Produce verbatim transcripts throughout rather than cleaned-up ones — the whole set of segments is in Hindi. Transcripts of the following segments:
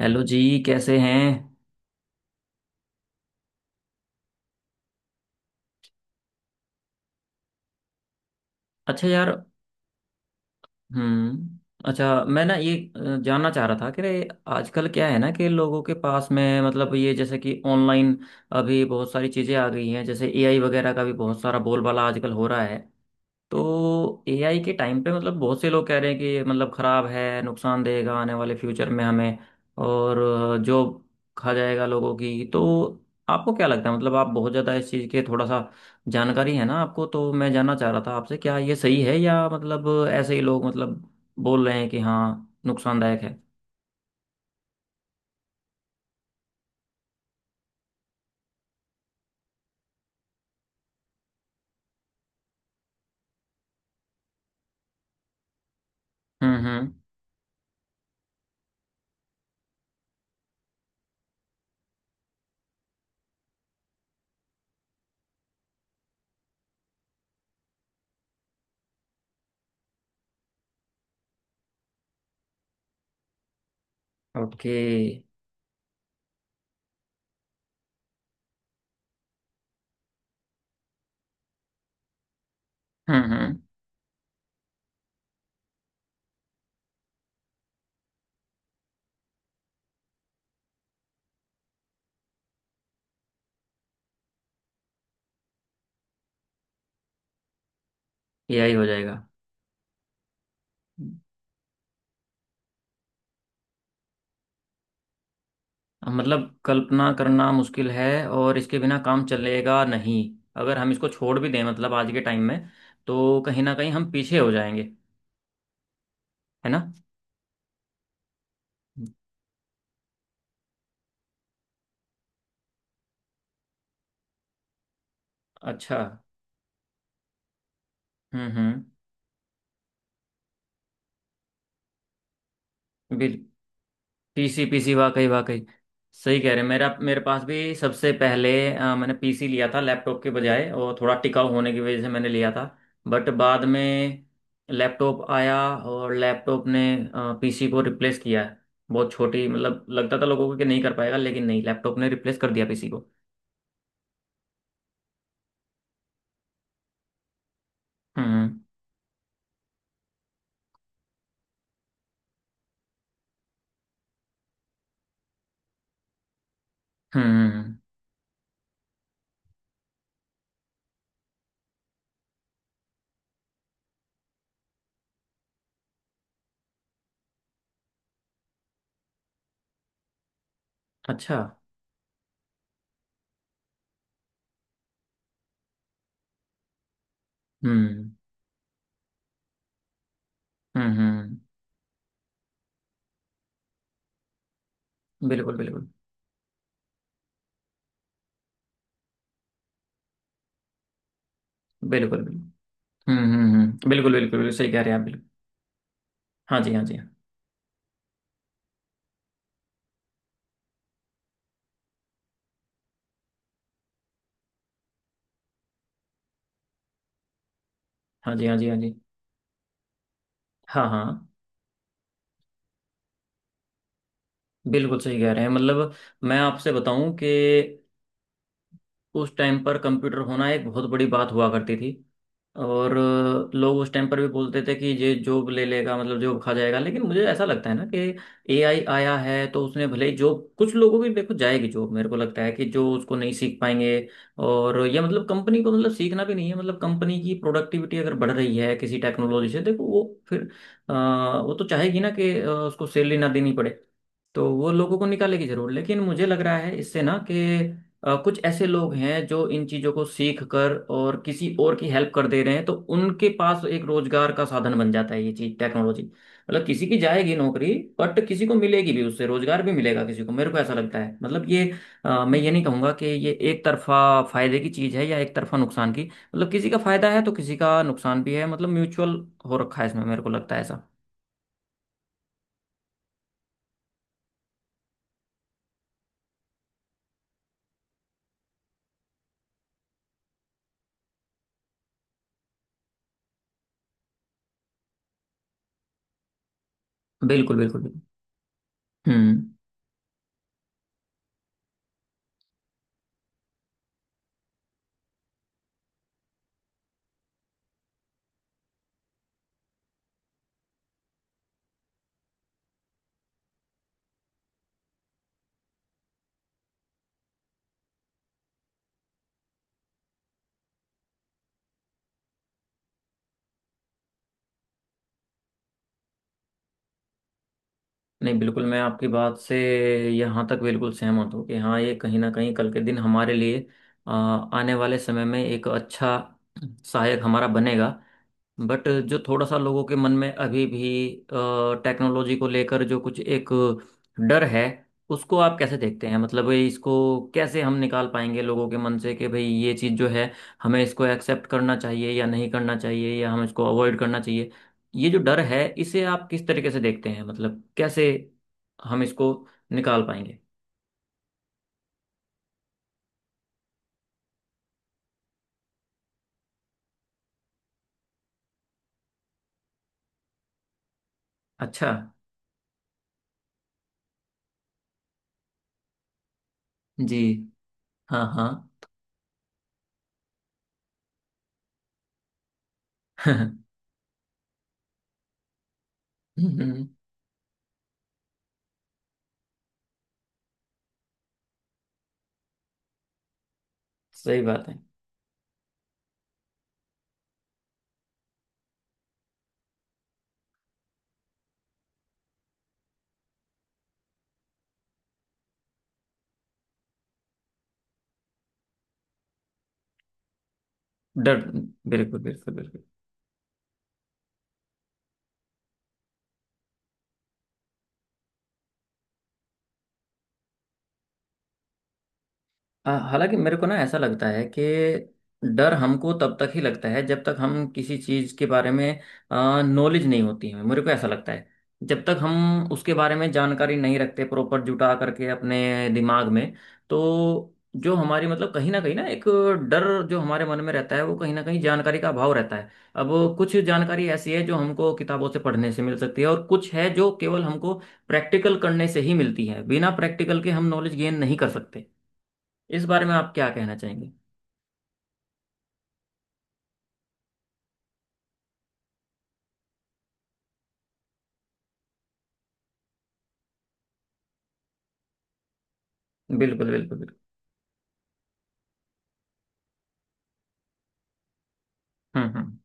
हेलो जी। कैसे हैं। अच्छा यार। हम्म। अच्छा, मैं ना ये अ, जानना चाह रहा था कि रे, आजकल क्या है ना कि लोगों के पास में मतलब ये जैसे कि ऑनलाइन अभी बहुत सारी चीज़ें आ गई हैं, जैसे एआई वगैरह का भी बहुत सारा बोलबाला आजकल हो रहा है। तो एआई के टाइम पे मतलब बहुत से लोग कह रहे हैं कि ये मतलब खराब है, नुकसान देगा आने वाले फ्यूचर में हमें, और जॉब खा जाएगा लोगों की। तो आपको क्या लगता है, मतलब आप बहुत ज़्यादा इस चीज़ के थोड़ा सा जानकारी है ना आपको, तो मैं जानना चाह रहा था आपसे क्या ये सही है या मतलब ऐसे ही लोग मतलब बोल रहे हैं कि हाँ, नुकसानदायक है। हम्म। हम्म। ओके। हम्म। हम्म। एआई हो जाएगा। मतलब कल्पना करना मुश्किल है और इसके बिना काम चलेगा नहीं। अगर हम इसको छोड़ भी दें मतलब आज के टाइम में, तो कहीं ना कहीं हम पीछे हो जाएंगे, है ना। अच्छा। हम्म। हम्म। बिल्कुल। पीसी पीसी, वाकई वाकई सही कह रहे हैं। मेरा मेरे पास भी सबसे पहले अ, मैंने पीसी लिया था, लैपटॉप के बजाय, और थोड़ा टिकाऊ होने की वजह से मैंने लिया था। बट बाद में लैपटॉप आया और लैपटॉप ने पीसी को रिप्लेस किया है। बहुत छोटी मतलब लगता था लोगों को कि नहीं कर पाएगा, लेकिन नहीं, लैपटॉप ने रिप्लेस कर दिया पीसी को। हम्म। हम्म। हम्म। अच्छा। हम्म। हम्म। हम्म। बिल्कुल बिल्कुल बिल्कुल बिल्कुल। हम्म। हम्म। हम्म। बिल्कुल बिल्कुल बिल्कुल सही कह रहे हैं आप, बिल्कुल। हाँ जी। हाँ जी। हाँ जी। हाँ जी। हाँ जी। हाँ हाँ। बिल्कुल सही कह रहे हैं। मतलब मैं आपसे बताऊं कि उस टाइम पर कंप्यूटर होना एक बहुत बड़ी बात हुआ करती थी। और अ, लोग उस टाइम पर भी बोलते थे कि ये जॉब ले लेगा, मतलब जॉब खा जाएगा, लेकिन मुझे ऐसा लगता है ना कि एआई आया है तो उसने भले ही जॉब कुछ लोगों की देखो जाएगी जॉब। मेरे को लगता है कि जो उसको नहीं सीख पाएंगे, और ये मतलब कंपनी को मतलब सीखना भी नहीं है, मतलब कंपनी की प्रोडक्टिविटी अगर बढ़ रही है किसी टेक्नोलॉजी से, देखो वो फिर अ, वो तो चाहेगी ना कि अ, उसको सैलरी ना देनी पड़े। तो वो लोगों को निकालेगी जरूर, लेकिन मुझे लग रहा है इससे ना कि अ, कुछ ऐसे लोग हैं जो इन चीजों को सीख कर और किसी और की हेल्प कर दे रहे हैं, तो उनके पास एक रोजगार का साधन बन जाता है ये चीज टेक्नोलॉजी। मतलब किसी की जाएगी नौकरी बट किसी को मिलेगी भी, उससे रोजगार भी मिलेगा किसी को। मेरे को ऐसा लगता है, मतलब ये अ, मैं ये नहीं कहूंगा कि ये एक तरफा फायदे की चीज है या एक तरफा नुकसान की। मतलब किसी का फायदा है तो किसी का नुकसान भी है, मतलब म्यूचुअल हो रखा है इसमें, मेरे को लगता है ऐसा। बिल्कुल बिल्कुल बिल्कुल। हम्म। नहीं, बिल्कुल मैं आपकी बात से यहाँ तक बिल्कुल सहमत हूँ कि हाँ ये कहीं ना कहीं कल के दिन हमारे लिए अ, आने वाले समय में एक अच्छा सहायक हमारा बनेगा। बट जो थोड़ा सा लोगों के मन में अभी भी टेक्नोलॉजी को लेकर जो कुछ एक डर है, उसको आप कैसे देखते हैं, मतलब ये इसको कैसे हम निकाल पाएंगे लोगों के मन से कि भाई ये चीज़ जो है हमें इसको एक्सेप्ट करना चाहिए या नहीं करना चाहिए, या हम इसको अवॉइड करना चाहिए। ये जो डर है इसे आप किस तरीके से देखते हैं, मतलब कैसे हम इसको निकाल पाएंगे। अच्छा। जी। हाँ हाँ। हम्म। सही बात है। डर। बिल्कुल बिल्कुल बिल्कुल। आ, हालांकि मेरे को ना ऐसा लगता है कि डर हमको तब तक ही लगता है जब तक हम किसी चीज़ के बारे में नॉलेज नहीं होती है, मेरे को ऐसा लगता है। जब तक हम उसके बारे में जानकारी नहीं रखते प्रॉपर जुटा करके अपने दिमाग में, तो जो हमारी मतलब कहीं ना कहीं ना एक डर जो हमारे मन में रहता है, वो कहीं ना कहीं जानकारी का अभाव रहता है। अब कुछ जानकारी ऐसी है जो हमको किताबों से पढ़ने से मिल सकती है, और कुछ है जो केवल हमको प्रैक्टिकल करने से ही मिलती है, बिना प्रैक्टिकल के हम नॉलेज गेन नहीं कर सकते। इस बारे में आप क्या कहना चाहेंगे। बिल्कुल बिल्कुल बिल्कुल। हम्म। हम्म।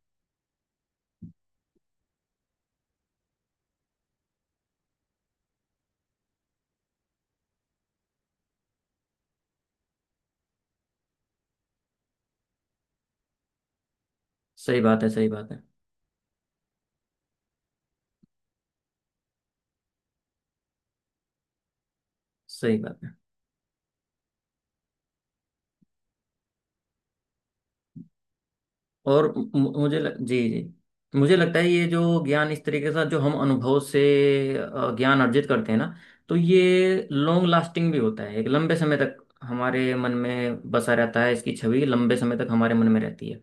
सही बात है। सही बात है। सही बात है। और मु- मु- मुझे लग, जी जी, मुझे लगता है ये जो ज्ञान इस तरीके से जो हम अनुभव से अ, ज्ञान अर्जित करते हैं ना, तो ये लॉन्ग लास्टिंग भी होता है, एक लंबे समय तक हमारे मन में बसा रहता है, इसकी छवि लंबे समय तक हमारे मन में रहती है।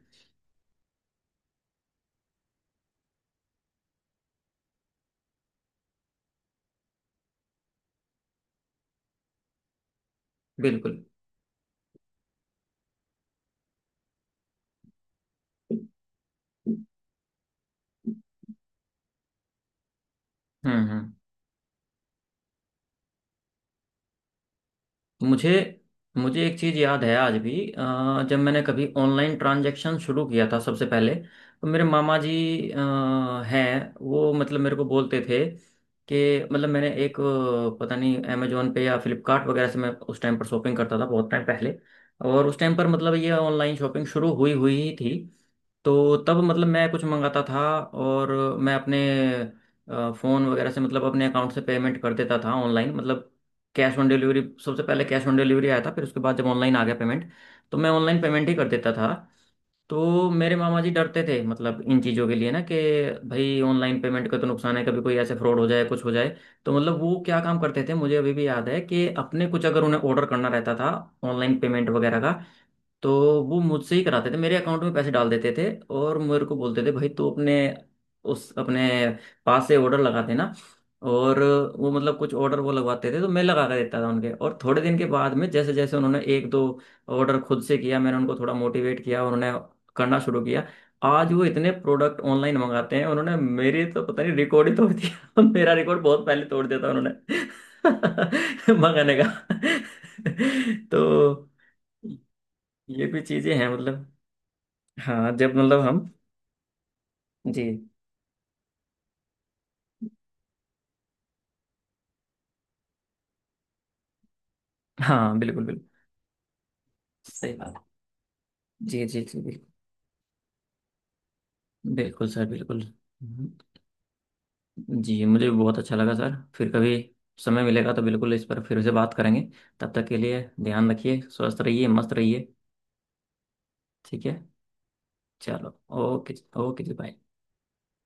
बिल्कुल। हम्म। हम्म। मुझे मुझे एक चीज़ याद है आज भी। अ, जब मैंने कभी ऑनलाइन ट्रांजैक्शन शुरू किया था सबसे पहले, तो मेरे मामा जी अ, हैं वो, मतलब मेरे को बोलते थे कि मतलब मैंने एक अ, पता नहीं अमेजोन पे या फ्लिपकार्ट वगैरह से मैं उस टाइम पर शॉपिंग करता था, बहुत टाइम पहले, और उस टाइम पर मतलब ये ऑनलाइन शॉपिंग शुरू हुई हुई ही थी। तो तब मतलब मैं कुछ मंगाता था, और मैं अपने फ़ोन वगैरह से मतलब अपने अकाउंट से पेमेंट कर देता था ऑनलाइन, मतलब कैश ऑन डिलीवरी, सबसे पहले कैश ऑन डिलीवरी आया था, फिर उसके बाद जब ऑनलाइन आ गया पेमेंट तो मैं ऑनलाइन पेमेंट ही कर देता था। तो मेरे मामा जी डरते थे मतलब इन चीज़ों के लिए ना, कि भाई ऑनलाइन पेमेंट का तो नुकसान है, कभी कोई ऐसे फ्रॉड हो जाए कुछ हो जाए। तो मतलब वो क्या काम करते थे, मुझे अभी भी याद है, कि अपने कुछ अगर उन्हें ऑर्डर करना रहता था ऑनलाइन पेमेंट वगैरह का तो वो मुझसे ही कराते थे, मेरे अकाउंट में पैसे डाल देते थे, और मेरे को बोलते थे भाई तू अपने उस अपने पास से ऑर्डर लगा देना। और वो मतलब कुछ ऑर्डर वो लगवाते थे तो मैं लगा कर देता था उनके, और थोड़े दिन के बाद में जैसे जैसे उन्होंने एक दो ऑर्डर खुद से किया, मैंने उनको थोड़ा मोटिवेट किया, उन्होंने करना शुरू किया। आज वो इतने प्रोडक्ट ऑनलाइन मंगाते हैं, उन्होंने मेरे तो पता नहीं रिकॉर्ड ही तोड़ दिया मेरा रिकॉर्ड बहुत पहले तोड़ दिया था उन्होंने मंगाने का। तो ये भी चीजें हैं मतलब। हाँ जब मतलब हम, जी हाँ, बिल्कुल बिल्कुल। सही बात। जी जी जी बिल्कुल। बिल्कुल सर, बिल्कुल। जी मुझे भी बहुत अच्छा लगा सर। फिर कभी समय मिलेगा तो बिल्कुल इस पर फिर से बात करेंगे। तब तक के लिए ध्यान रखिए, स्वस्थ रहिए, मस्त रहिए। ठीक है। चलो ओके। ओके जी, बाय।